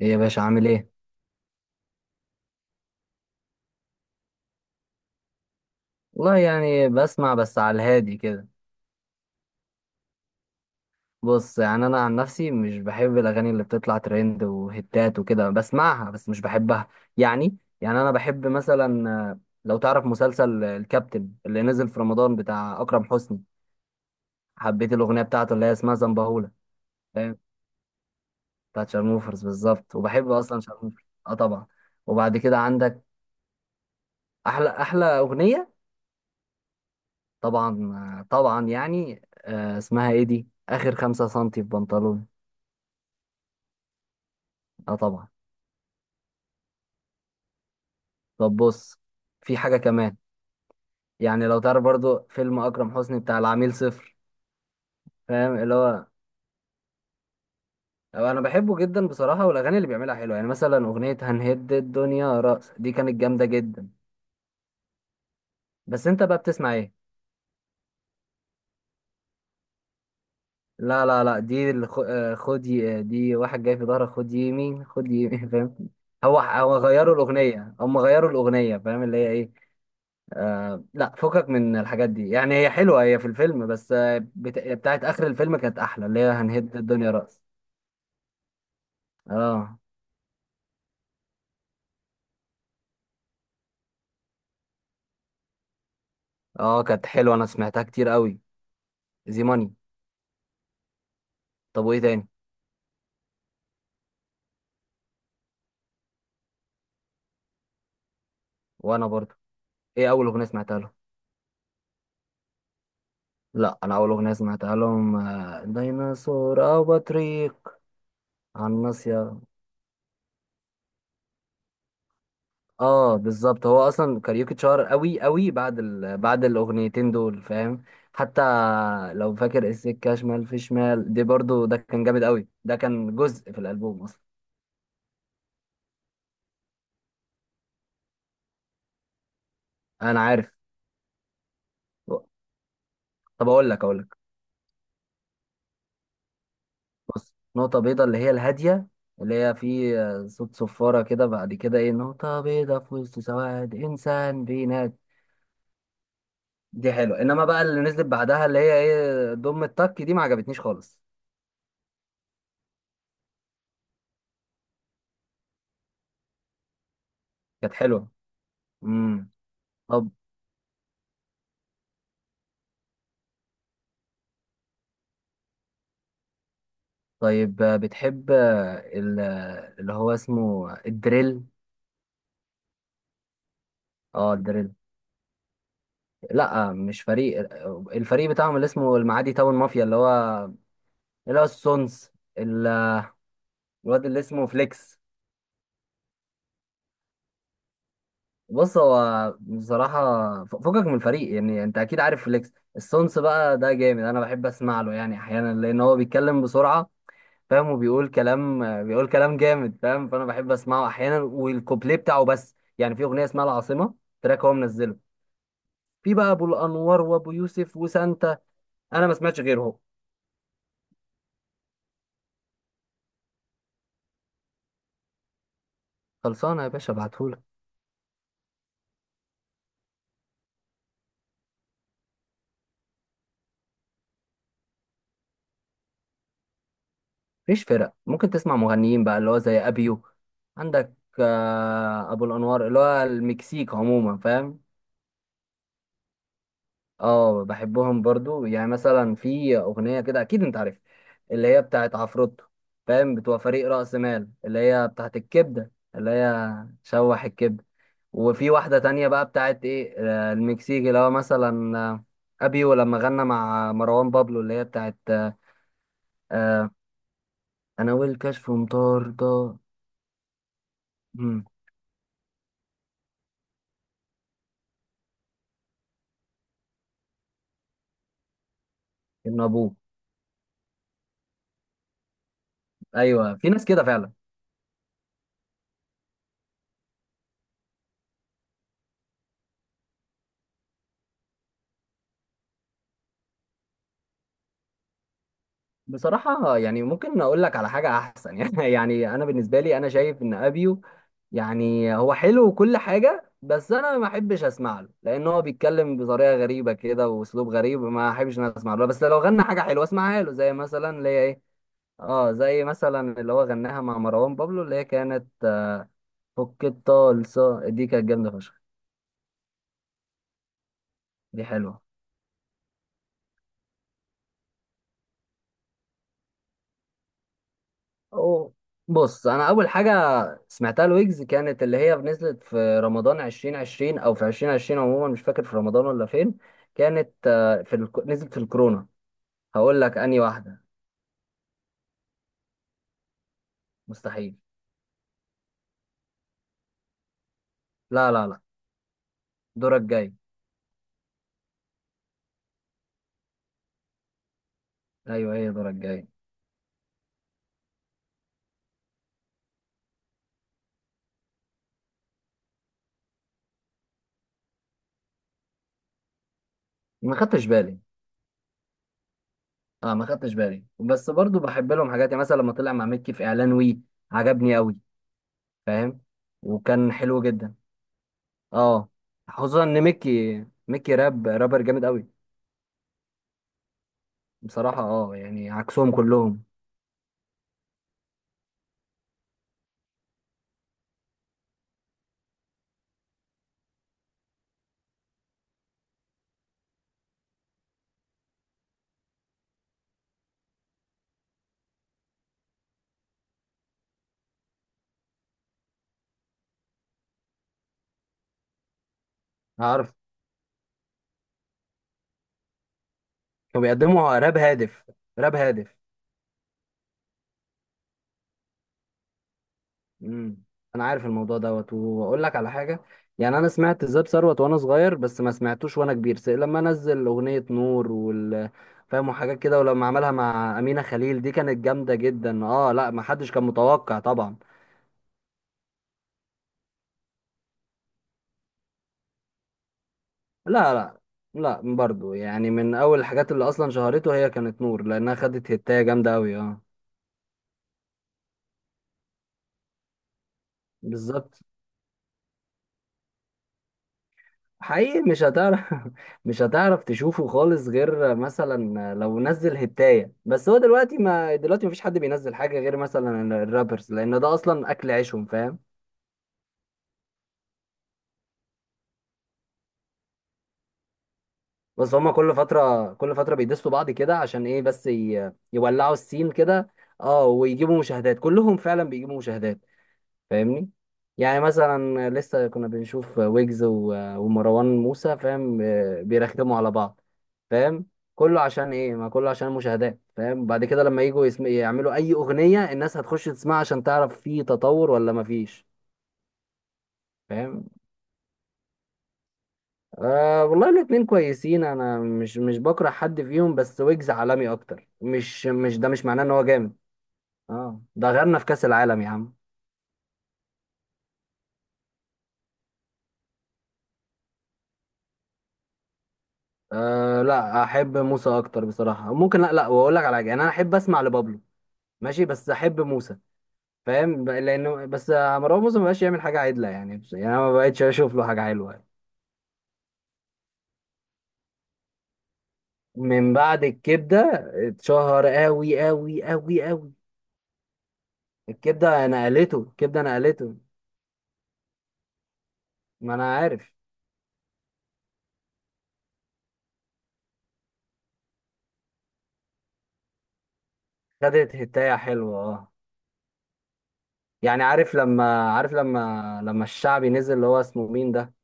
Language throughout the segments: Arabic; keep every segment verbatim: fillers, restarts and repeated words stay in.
ايه يا باشا، عامل ايه؟ والله يعني بسمع بس على الهادي كده. بص، يعني انا عن نفسي مش بحب الاغاني اللي بتطلع ترند وهتات وكده، بسمعها بس مش بحبها. يعني يعني انا بحب مثلا، آه، لو تعرف مسلسل آه، الكابتن اللي نزل في رمضان بتاع اكرم حسني. حبيت الاغنيه بتاعته اللي هي اسمها زنبهولة. فاهم؟ بتاعت شارموفرز بالظبط، وبحب اصلا شارموفرز اه طبعا. وبعد كده عندك احلى احلى اغنيه طبعا. آه، طبعا يعني، آه، اسمها ايه دي، اخر خمسة سنتي في بنطلون. اه طبعا. طب بص، في حاجة كمان. يعني لو تعرف برضو فيلم أكرم حسني بتاع العميل صفر. فاهم اللي هو، أو أنا بحبه جدا بصراحة، والأغاني اللي بيعملها حلوة، يعني مثلا أغنية هنهد الدنيا رأس دي كانت جامدة جدا. بس أنت بقى بتسمع إيه؟ لا لا لا، دي اللي خ- آه، خد ي- آه، دي واحد جاي في ظهرك، خد يمين خد يمين فاهم. هو هو غيروا الأغنية، هم غيروا الأغنية، فاهم اللي هي إيه. آه لا، فكك من الحاجات دي، يعني هي حلوة، هي في الفيلم بس، آه، بت... بتاعت آخر الفيلم كانت أحلى، اللي هي هنهد الدنيا رأس. اه اه، كانت حلوة، أنا سمعتها كتير قوي، زي ماني. طب وإيه تاني؟ وأنا برضو. إيه أول أغنية سمعتها لهم؟ لا، أنا أول أغنية سمعتها لهم آه، ديناصور أو بطريق على الناصية. اه بالظبط، هو اصلا كاريوكي اتشهر قوي قوي بعد ال... بعد الاغنيتين دول، فاهم. حتى لو فاكر السكه شمال في شمال دي، برضو ده كان جامد قوي، ده كان جزء في الالبوم اصلا. انا عارف. طب اقول لك اقول لك، بص، نقطه بيضه اللي هي الهاديه، اللي هي في صوت صفاره كده، بعد كده ايه، نقطه بيضه في وسط سواد انسان بينات. دي حلوه، انما بقى اللي نزلت بعدها اللي هي ايه، ضم التك دي ما عجبتنيش خالص. كانت حلوه. امم. طيب، آه، بتحب آه، ال- آه، اللي هو اسمه الدريل؟ اه الدريل. لا آه، مش فريق، آه، الفريق بتاعهم اللي اسمه المعادي تاون مافيا، اللي هو اللي هو السونز، ال- الواد اللي اسمه فليكس. بص، هو بصراحة ف- فكك من الفريق، يعني انت اكيد عارف فليكس السونس، بقى ده جامد، انا بحب اسمع له يعني احيانا، لان هو بيتكلم بسرعة. فاهم، وبيقول كلام آه، بيقول كلام جامد، فاهم، فانا بحب اسمعه احيانا والكوبليه بتاعه بس. يعني في اغنية اسمها العاصمة، تراك هو منزله، في بقى ابو الانوار وابو يوسف وسانتا. انا ما سمعتش غيرهم. خلصانه يا باشا، ابعتهولك. مفيش فرق، ممكن تسمع مغنيين بقى اللي هو زي ابيو. عندك آه، ابو الانوار اللي هو المكسيك عموما، فاهم. اه بحبهم برضو، يعني مثلا في اغنيه كده اكيد انت عارف، اللي هي بتاعت عفروتو، فاهم، بتوع فريق رأس مال، اللي هي بتاعت الكبده، اللي هي شوح الكبده. وفي واحدة تانية بقى بتاعت ايه، آه، المكسيكي اللي هو مثلا، آه، ابيو لما غنى مع مروان بابلو، اللي هي بتاعت، آه، انا والكشف مطاردة. مم. ابن ابوه. ايوه في ناس كده فعلا. بصراحة يعني، ممكن اقول لك على حاجة احسن يعني، يعني انا بالنسبة لي، انا شايف ان ابيو، يعني هو حلو وكل حاجة، بس انا ما احبش اسمع له، لان هو بيتكلم بطريقة غريبة كده واسلوب غريب، ما احبش ان أنا اسمع له، بس لو غنى حاجة حلوة اسمعها له، زي مثلا اللي هي ايه. اه زي مثلا اللي هو غناها مع مروان بابلو، اللي هي كانت آه، فك الطلسة، دي كانت جامدة فشخ. دي حلوة. أو بص، أنا أول حاجة سمعتها لويجز كانت اللي هي نزلت في رمضان عشرين عشرين، أو في عشرين عشرين عموما مش فاكر في رمضان ولا فين. كانت آه، في الك... نزلت في الكورونا. هقول لك أنهي واحدة. مستحيل. لا لا لا، دورك جاي. أيوه هي دورك جاي. ما خدتش بالي. اه ما خدتش بالي، بس برضو بحب لهم حاجات، يعني مثلا لما طلع مع مكي في إعلان وي، عجبني أوي. فاهم، وكان حلو جدا. اه خصوصا ان ميكي ميكي راب رابر جامد قوي. بصراحة اه يعني عكسهم كلهم. عارف، كانوا بيقدموا راب هادف، راب هادف. امم. انا عارف الموضوع دوت، واقول لك على حاجة. يعني انا سمعت زاب ثروت وانا صغير، بس ما سمعتوش وانا كبير، س- لما نزل اغنية نور وال، فاهم، وحاجات كده، ولما عملها مع أمينة خليل دي كانت جامدة جدا. اه لا، ما حدش كان متوقع طبعا. لا لا لا، برضو يعني من اول الحاجات اللي اصلا شهرته هي كانت نور، لانها خدت هتاية جامدة قوي اه. بالظبط. حقيقي مش هتعرف مش هتعرف تشوفه خالص غير مثلا لو نزل هتاية، بس هو دلوقتي ما دلوقتي مفيش حد بينزل حاجة غير مثلا الرابرز، لان ده اصلا اكل عيشهم، فاهم. بس هما كل فترة كل فترة بيدسوا بعض كده عشان ايه، بس ي... يولعوا السين كده. اه ويجيبوا مشاهدات، كلهم فعلا بيجيبوا مشاهدات، فاهمني. يعني مثلا لسه كنا بنشوف ويجز و- ومروان موسى، فاهم، آه، بيرخموا على بعض، فاهم، كله عشان ايه، ما كله عشان المشاهدات، فاهم، بعد كده لما يجوا يسم... يعملوا اي اغنية، الناس هتخش تسمعها عشان تعرف في تطور ولا ما فيش. فاهم. أه والله الاتنين كويسين، انا مش مش بكره حد فيهم، بس ويجز عالمي اكتر، مش مش ده مش معناه ان هو جامد. اه ده غيرنا في كأس العالم يا عم. أه لا، احب موسى اكتر بصراحه، ممكن، لا لا واقول لك على حاجه، يعني انا احب اسمع لبابلو، ماشي، بس احب موسى. فاهم، ب- لانه بس مروان موسى ما بقاش يعمل حاجه عدله، يعني بس- يعني انا ما بقتش اشوف له حاجه حلوه. من بعد الكبده اتشهر قوي قوي قوي قوي. الكبده نقلته، الكبده نقلته. ما انا عارف. خدت هتايه حلوه اه. يعني عارف لما عارف لما لما الشعبي نزل، اللي هو اسمه مين ده،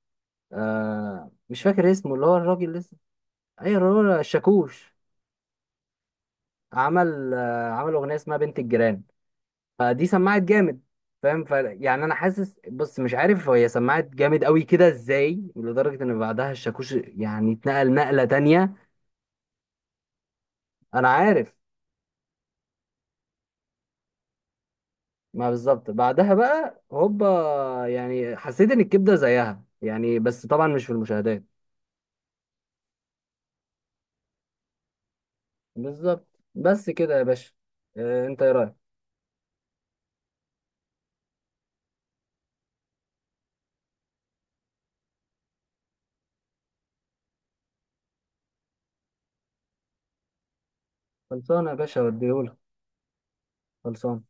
أه مش فاكر اسمه، اللي هو الراجل لسه. ايوه الراجل الشاكوش. عمل آه، عمل اغنيه اسمها بنت الجيران. فدي سمعت جامد. فاهم، ف يعني انا حاسس، بص، مش عارف هي سمعت جامد قوي كده ازاي، لدرجه ان بعدها الشاكوش يعني اتنقل نقله تانية. انا عارف. ما بالظبط بعدها بقى هوبا، يعني حسيت ان الكبده زيها يعني، بس طبعا مش في المشاهدات. بالظبط. بس كده يا باشا. آه، انت ايه رايك؟ خلصانه يا باشا، وديهولك. خلصانه